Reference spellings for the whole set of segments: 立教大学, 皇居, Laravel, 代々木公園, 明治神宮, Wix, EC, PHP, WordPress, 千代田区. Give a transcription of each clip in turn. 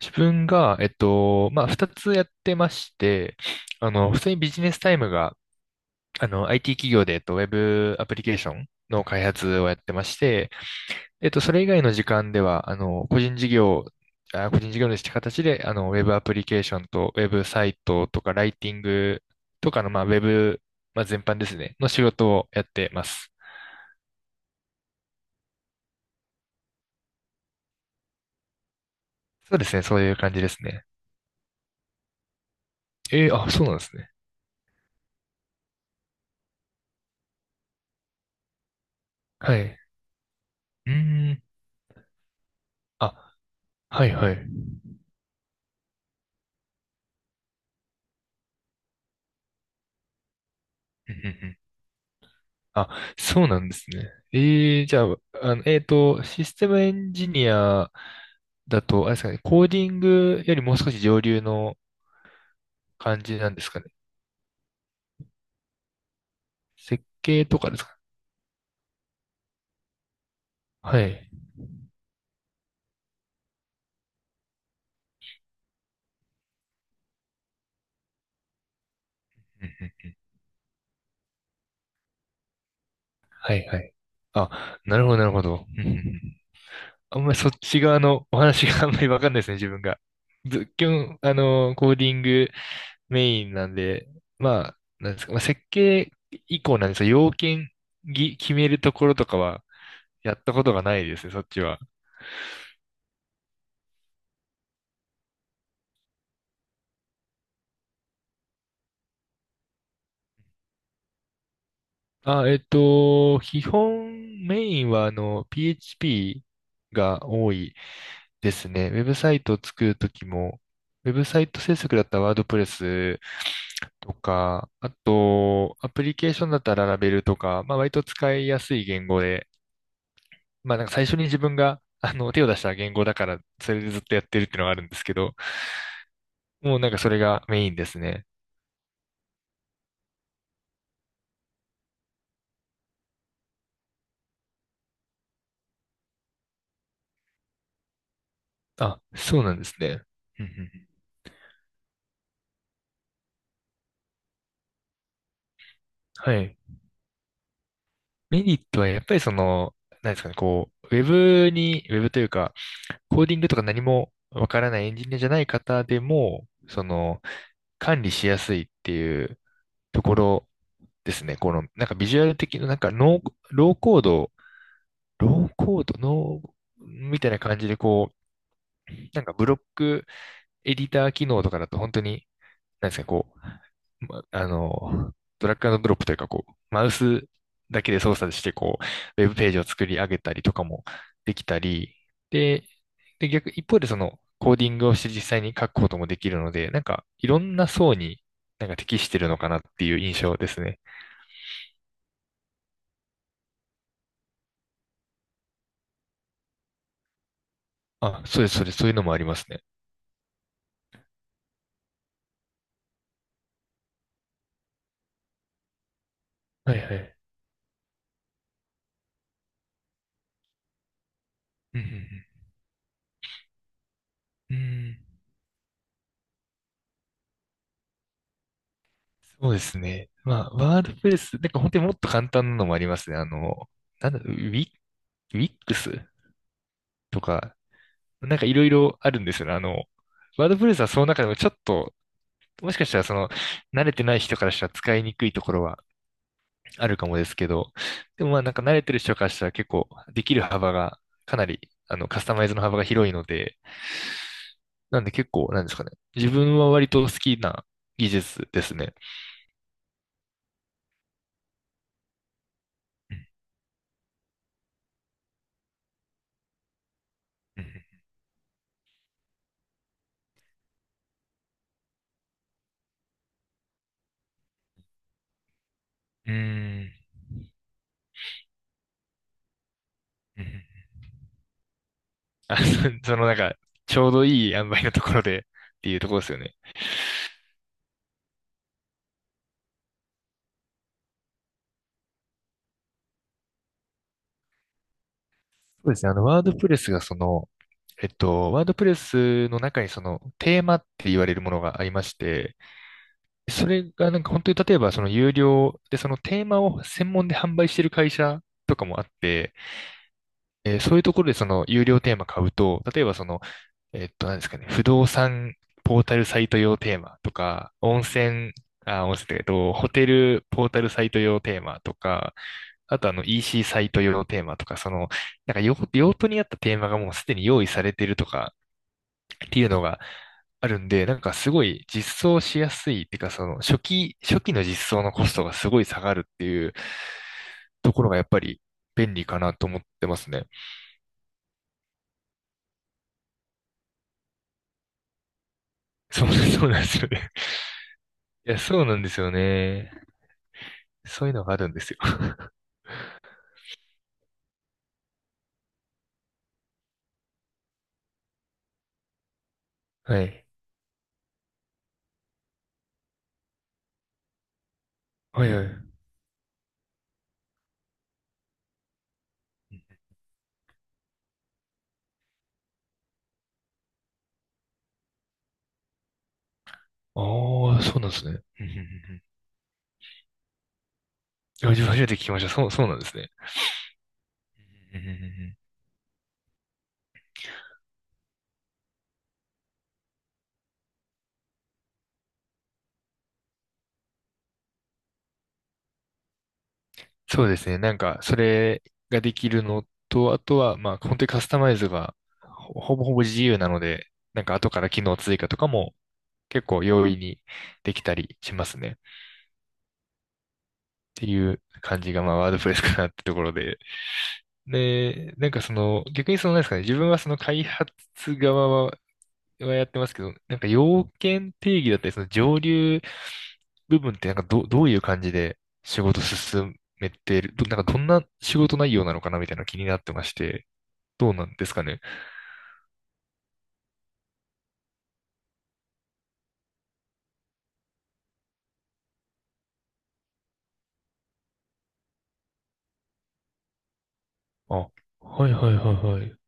自分が、二つやってまして、普通にビジネスタイムが、IT 企業で、ウェブアプリケーションの開発をやってまして、それ以外の時間では、個人事業主って形で、ウェブアプリケーションと、ウェブサイトとか、ライティングとかの、まあ、ウェブ、まあ、全般ですね、の仕事をやってます。そうですね、そういう感じですね。そうなんですね。はい。うーん。あ、はいはい。うんうんうん。あ、そうなんですね。ええ、じゃあ、システムエンジニアだと、あれですかね、コーディングよりもう少し上流の感じなんですかね。設計とかですか。はい。うんうん。はいはい。あ、なるほど、なるほど。うんうんうん。あんまりそっち側のお話が あんまりわかんないですね、自分が。ず、基本、コーディングメインなんで、まあ、なんですか、まあ、設計以降なんですが、要件決めるところとかは、やったことがないですね、そっちは。基本メインはあの PHP が多いですね。ウェブサイトを作るときも、ウェブサイト制作だったらワードプレスとか、あと、アプリケーションだったらララベルとか、まあ割と使いやすい言語で、まあなんか最初に自分があの手を出した言語だから、それでずっとやってるっていうのがあるんですけど、もうなんかそれがメインですね。あ、そうなんですね。うんうんうん。はい。メリットはやっぱりその、なんですかね、こう、ウェブというか、コーディングとか何もわからないエンジニアじゃない方でも、その、管理しやすいっていうところですね。この、なんかビジュアル的な、なんかノー、ローコード、ローコード、ノー、みたいな感じで、こう、なんかブロックエディター機能とかだと本当になんですか、こう、まあの、ドラッグアンドドロップというか、こう、マウスだけで操作して、こう、ウェブページを作り上げたりとかもできたり、で、で、逆、一方でその、コーディングをして実際に書くこともできるので、なんか、いろんな層になんか適してるのかなっていう印象ですね。あ、そうです、そうです、そういうのもありますね。はいはい。うんうんうん、うん。そうですね。まあ、ワードプレス、なんか本当にもっと簡単なのもありますね。あの、なんだ、ウィ、ウィックスとか、なんかいろいろあるんですよね。あの、ワードプレスはその中でもちょっと、もしかしたらその、慣れてない人からしたら使いにくいところはあるかもですけど、でもまあなんか慣れてる人からしたら結構できる幅がかなり、あの、カスタマイズの幅が広いので、なんで結構、なんですかね。自分は割と好きな技術ですね。うん。うんうん。 あ、そそのなんか、ちょうどいい塩梅のところでっていうところですよね。そうですね。ワードプレスの中にそのテーマって言われるものがありまして、それがなんか本当に例えばその有料でそのテーマを専門で販売してる会社とかもあって、そういうところでその有料テーマ買うと、例えばその、何ですかね、不動産ポータルサイト用テーマとか、温泉、あ、温泉だけど、ホテルポータルサイト用テーマとか、あとあの EC サイト用テーマとか、その、用途に合ったテーマがもうすでに用意されてるとかっていうのがあるんで、なんかすごい実装しやすいっていうか、初期の実装のコストがすごい下がるっていうところがやっぱり便利かなと思ってますね。そう、そうなんですよね。いや、そうなんですよね。そういうのがあるんですよ。はい。はいはい。ああ、そうなんですね。うんうんうんうん。いや初めて聞きました。そう、そうなんですね。うんうんうんうん。そうですね。なんか、それができるのと、あとは、まあ、本当にカスタマイズがほぼ自由なので、なんか後から機能追加とかも結構容易にできたりしますね。っていう感じが、まあ、ワードプレスかなってところで。なんかその、逆にその、なんですかね、自分はその開発側はやってますけど、なんか要件定義だったり、その上流部分ってなんかど、どういう感じで仕事進めてる、ど、なんかどんな仕事内容なのかなみたいなの気になってまして、どうなんですかね。あ、はいはいはいはい。う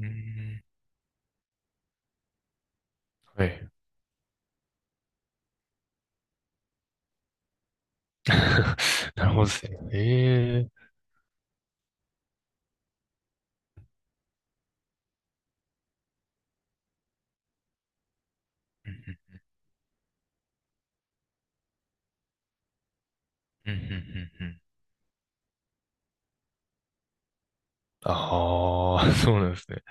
ーん、はい。なるほどですね。ええ。うんうんうんうん。うん。ああ、そうなんですね。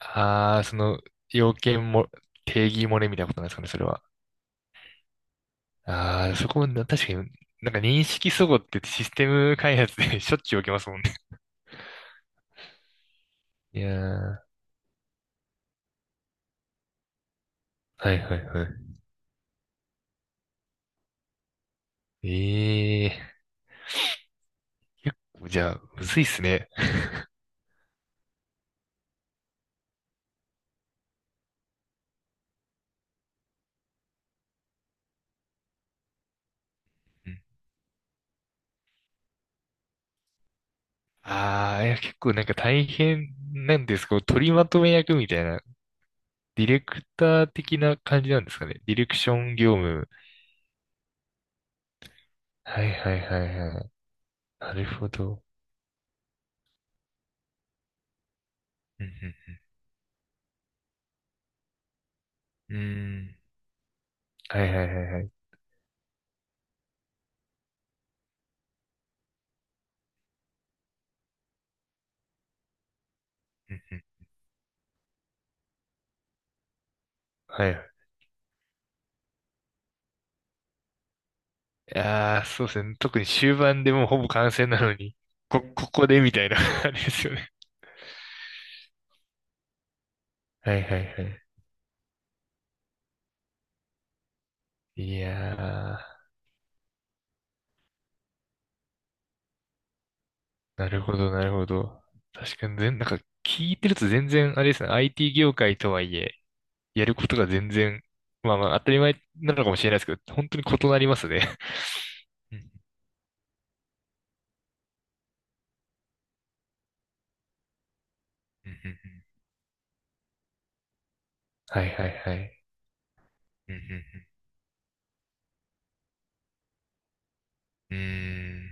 ああー、その要件も、定義漏れみたいなことなんですかね、それは。ああ、そこもな、確かに、なんか認識齟齬ってシステム開発で しょっちゅう起きますもんね。いやー、はいはいはい。ええー、結構じゃあ、むずいっすね。ああー、いや、結構なんか大変なんですか、取りまとめ役みたいな、ディレクター的な感じなんですかね。ディレクション業務。はいはいはいはい。なるほど。うんうん。うーん。はいはいはいはい。うんうん。はい。いやー、そうですね。特に終盤でもうほぼ完成なのに、ここでみたいな あれですよね。はいはいはい。いやー、なるほどなるほど。確かに全、なんか聞いてると全然、あれですね。IT 業界とはいえ、やることが全然、まあまあ当たり前なのかもしれないですけど、本当に異なりますね。うんうんうんうん。はいはいはい。うんうんうん。うーん。